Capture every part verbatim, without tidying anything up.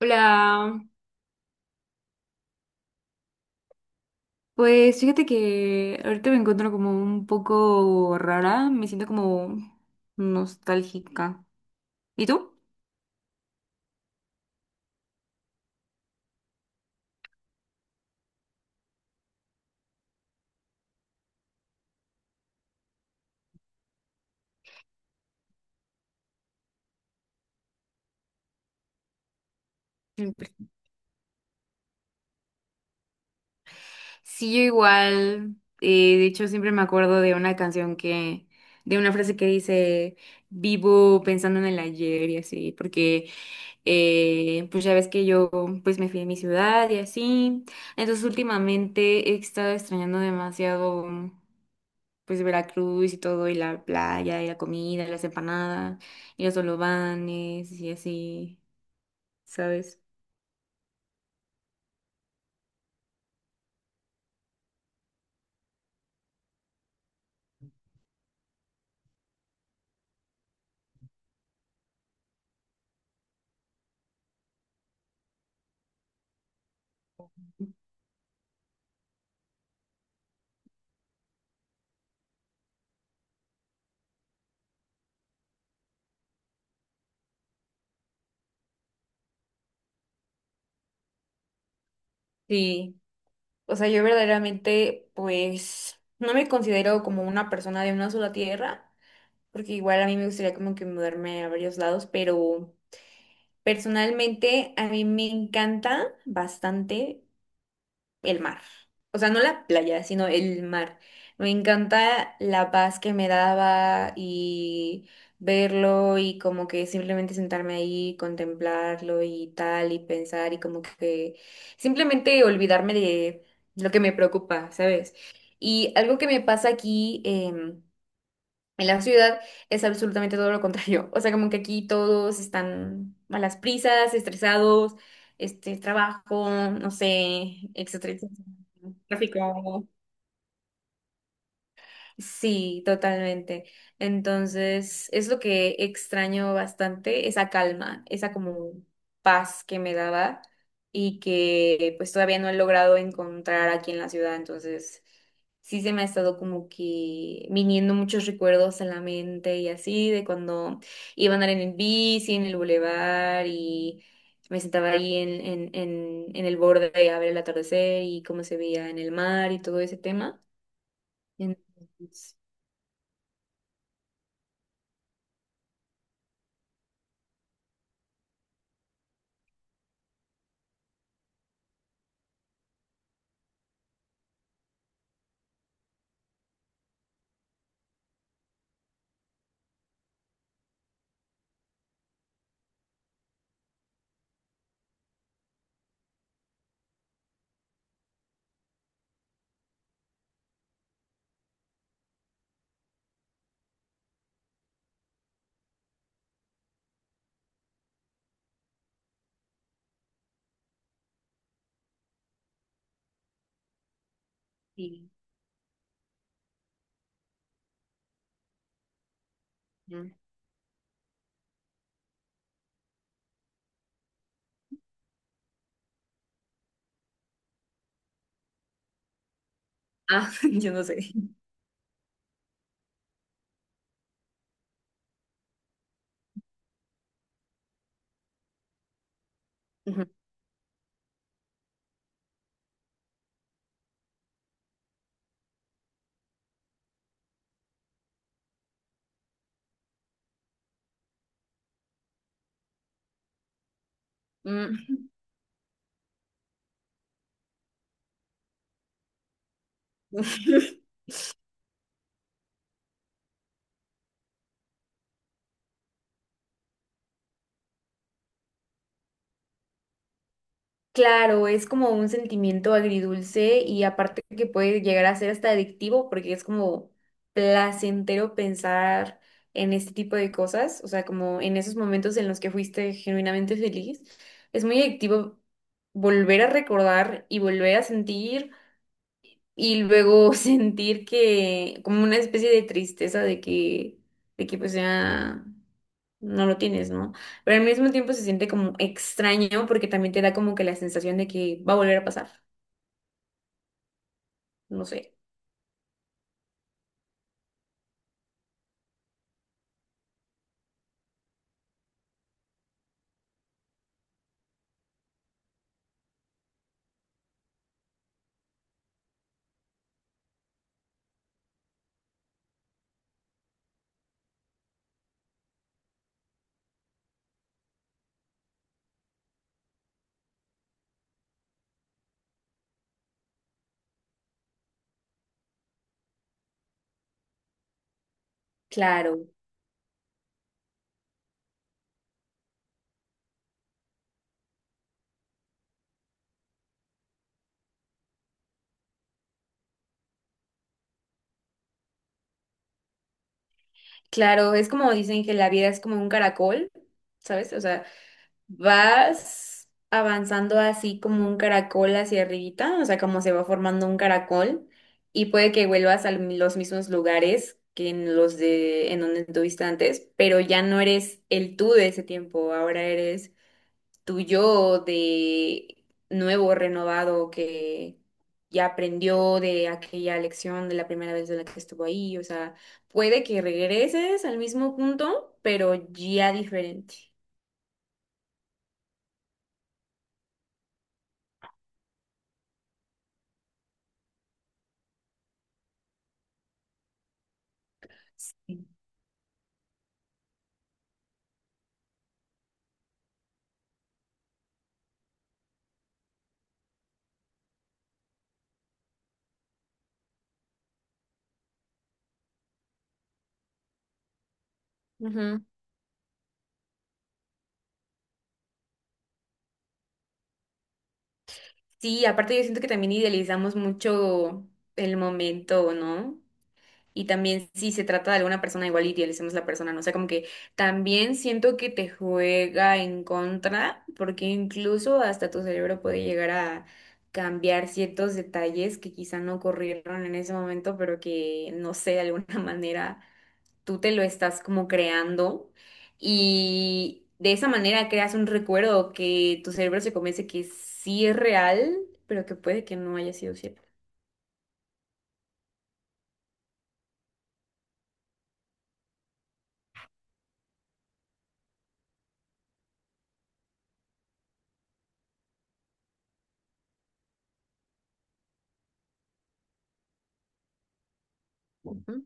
Hola, pues fíjate que ahorita me encuentro como un poco rara, me siento como nostálgica. ¿Y tú? Mm, pues, sí, yo igual. Eh, de hecho siempre me acuerdo de una canción que, de una frase que dice, vivo pensando en el ayer y así, porque eh, pues ya ves que yo pues me fui de mi ciudad y así, entonces últimamente he estado extrañando demasiado. Pues Veracruz y todo, y la playa, y la comida, y las empanadas, y los solobanes, y así, ¿sabes? Sí, o sea, yo verdaderamente, pues, no me considero como una persona de una sola tierra, porque igual a mí me gustaría como que mudarme a varios lados, pero personalmente a mí me encanta bastante el mar. O sea, no la playa, sino el mar. Me encanta la paz que me daba y verlo y como que simplemente sentarme ahí, contemplarlo y tal, y pensar y como que simplemente olvidarme de lo que me preocupa, ¿sabes? Y algo que me pasa aquí, em, en la ciudad es absolutamente todo lo contrario. O sea, como que aquí todos están a las prisas, estresados, este, trabajo, no sé, etcétera, etcétera. Tráfico. Sí, totalmente. Entonces, es lo que extraño bastante, esa calma, esa como paz que me daba y que pues todavía no he logrado encontrar aquí en la ciudad. Entonces, sí se me ha estado como que viniendo muchos recuerdos en la mente y así, de cuando iba a andar en el bici, en el bulevar y me sentaba ahí en, en, en, en el borde a ver el atardecer y cómo se veía en el mar y todo ese tema. Entonces, sí. Mm. Ah, yo no sé. Ujú. Mm. Claro, es como un sentimiento agridulce y aparte que puede llegar a ser hasta adictivo porque es como placentero pensar en este tipo de cosas, o sea, como en esos momentos en los que fuiste genuinamente feliz. Es muy adictivo volver a recordar y volver a sentir y luego sentir que como una especie de tristeza de que, de que pues ya... no lo tienes, ¿no? Pero al mismo tiempo se siente como extraño porque también te da como que la sensación de que va a volver a pasar, no sé. Claro, claro, es como dicen que la vida es como un caracol, ¿sabes? O sea, vas avanzando así como un caracol hacia arribita, o sea, como se va formando un caracol y puede que vuelvas a los mismos lugares que en los de en donde estuviste antes, pero ya no eres el tú de ese tiempo, ahora eres tuyo de nuevo, renovado, que ya aprendió de aquella lección de la primera vez de la que estuvo ahí. O sea, puede que regreses al mismo punto, pero ya diferente. Ujú. Sí, aparte yo siento que también idealizamos mucho el momento, ¿no? Y también si se trata de alguna persona, igual y idealicemos la persona, ¿no? O sea, como que también siento que te juega en contra, porque incluso hasta tu cerebro puede llegar a cambiar ciertos detalles que quizá no ocurrieron en ese momento, pero que, no sé, de alguna manera tú te lo estás como creando. Y de esa manera creas un recuerdo que tu cerebro se convence que sí es real, pero que puede que no haya sido cierto. Ujú.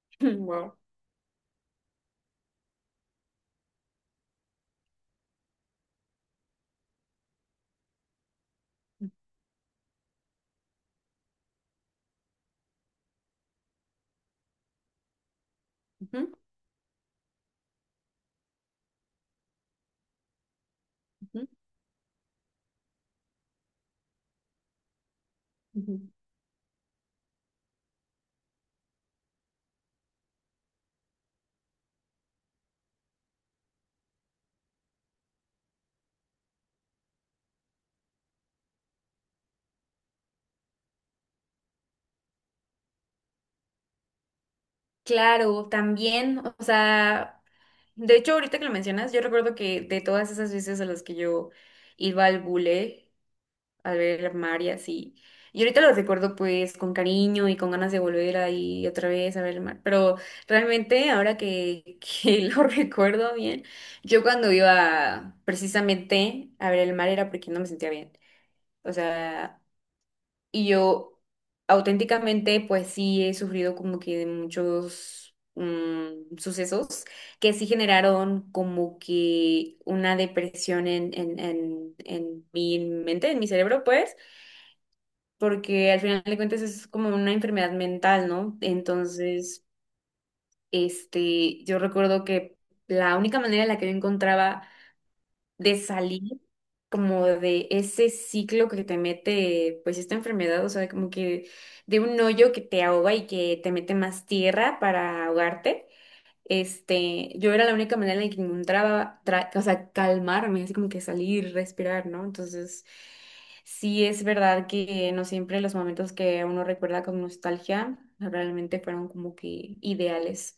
Wow. Ujú, ujú, ujú. Claro, también, o sea, de hecho ahorita que lo mencionas, yo recuerdo que de todas esas veces a las que yo iba al bule a ver el mar y así, y ahorita lo recuerdo pues con cariño y con ganas de volver ahí otra vez a ver el mar, pero realmente ahora que, que lo recuerdo bien, yo cuando iba precisamente a ver el mar era porque no me sentía bien, o sea... Y yo auténticamente, pues sí he sufrido como que de muchos mm, sucesos que sí generaron como que una depresión en, en, en, en mi mente, en mi cerebro, pues, porque al final de cuentas es como una enfermedad mental, ¿no? Entonces, este, yo recuerdo que la única manera en la que yo encontraba de salir como de ese ciclo que te mete pues esta enfermedad, o sea, como que de un hoyo que te ahoga y que te mete más tierra para ahogarte. Este, yo era la única manera en la que encontraba, tra- o sea, calmarme, así como que salir, respirar, ¿no? Entonces, sí es verdad que no siempre los momentos que uno recuerda con nostalgia realmente fueron como que ideales.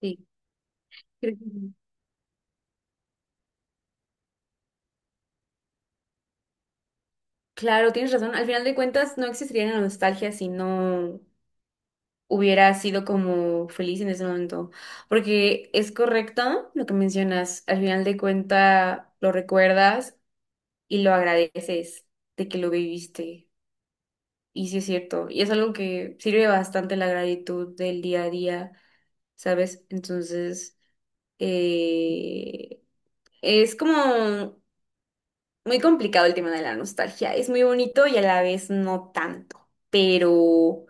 Sí. Creo que sí. Claro, tienes razón. Al final de cuentas, no existiría la nostalgia si no hubiera sido como feliz en ese momento. Porque es correcto lo que mencionas. Al final de cuentas, lo recuerdas y lo agradeces de que lo viviste. Y sí es cierto. Y es algo que sirve bastante la gratitud del día a día, ¿sabes? Entonces, eh, es como muy complicado el tema de la nostalgia. Es muy bonito y a la vez no tanto. Pero...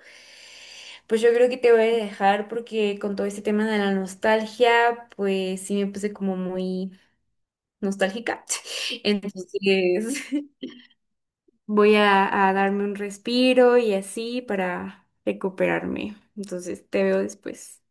Pues yo creo que te voy a dejar porque con todo este tema de la nostalgia, pues sí me puse como muy nostálgica. Entonces voy a, a darme un respiro y así para recuperarme. Entonces te veo después.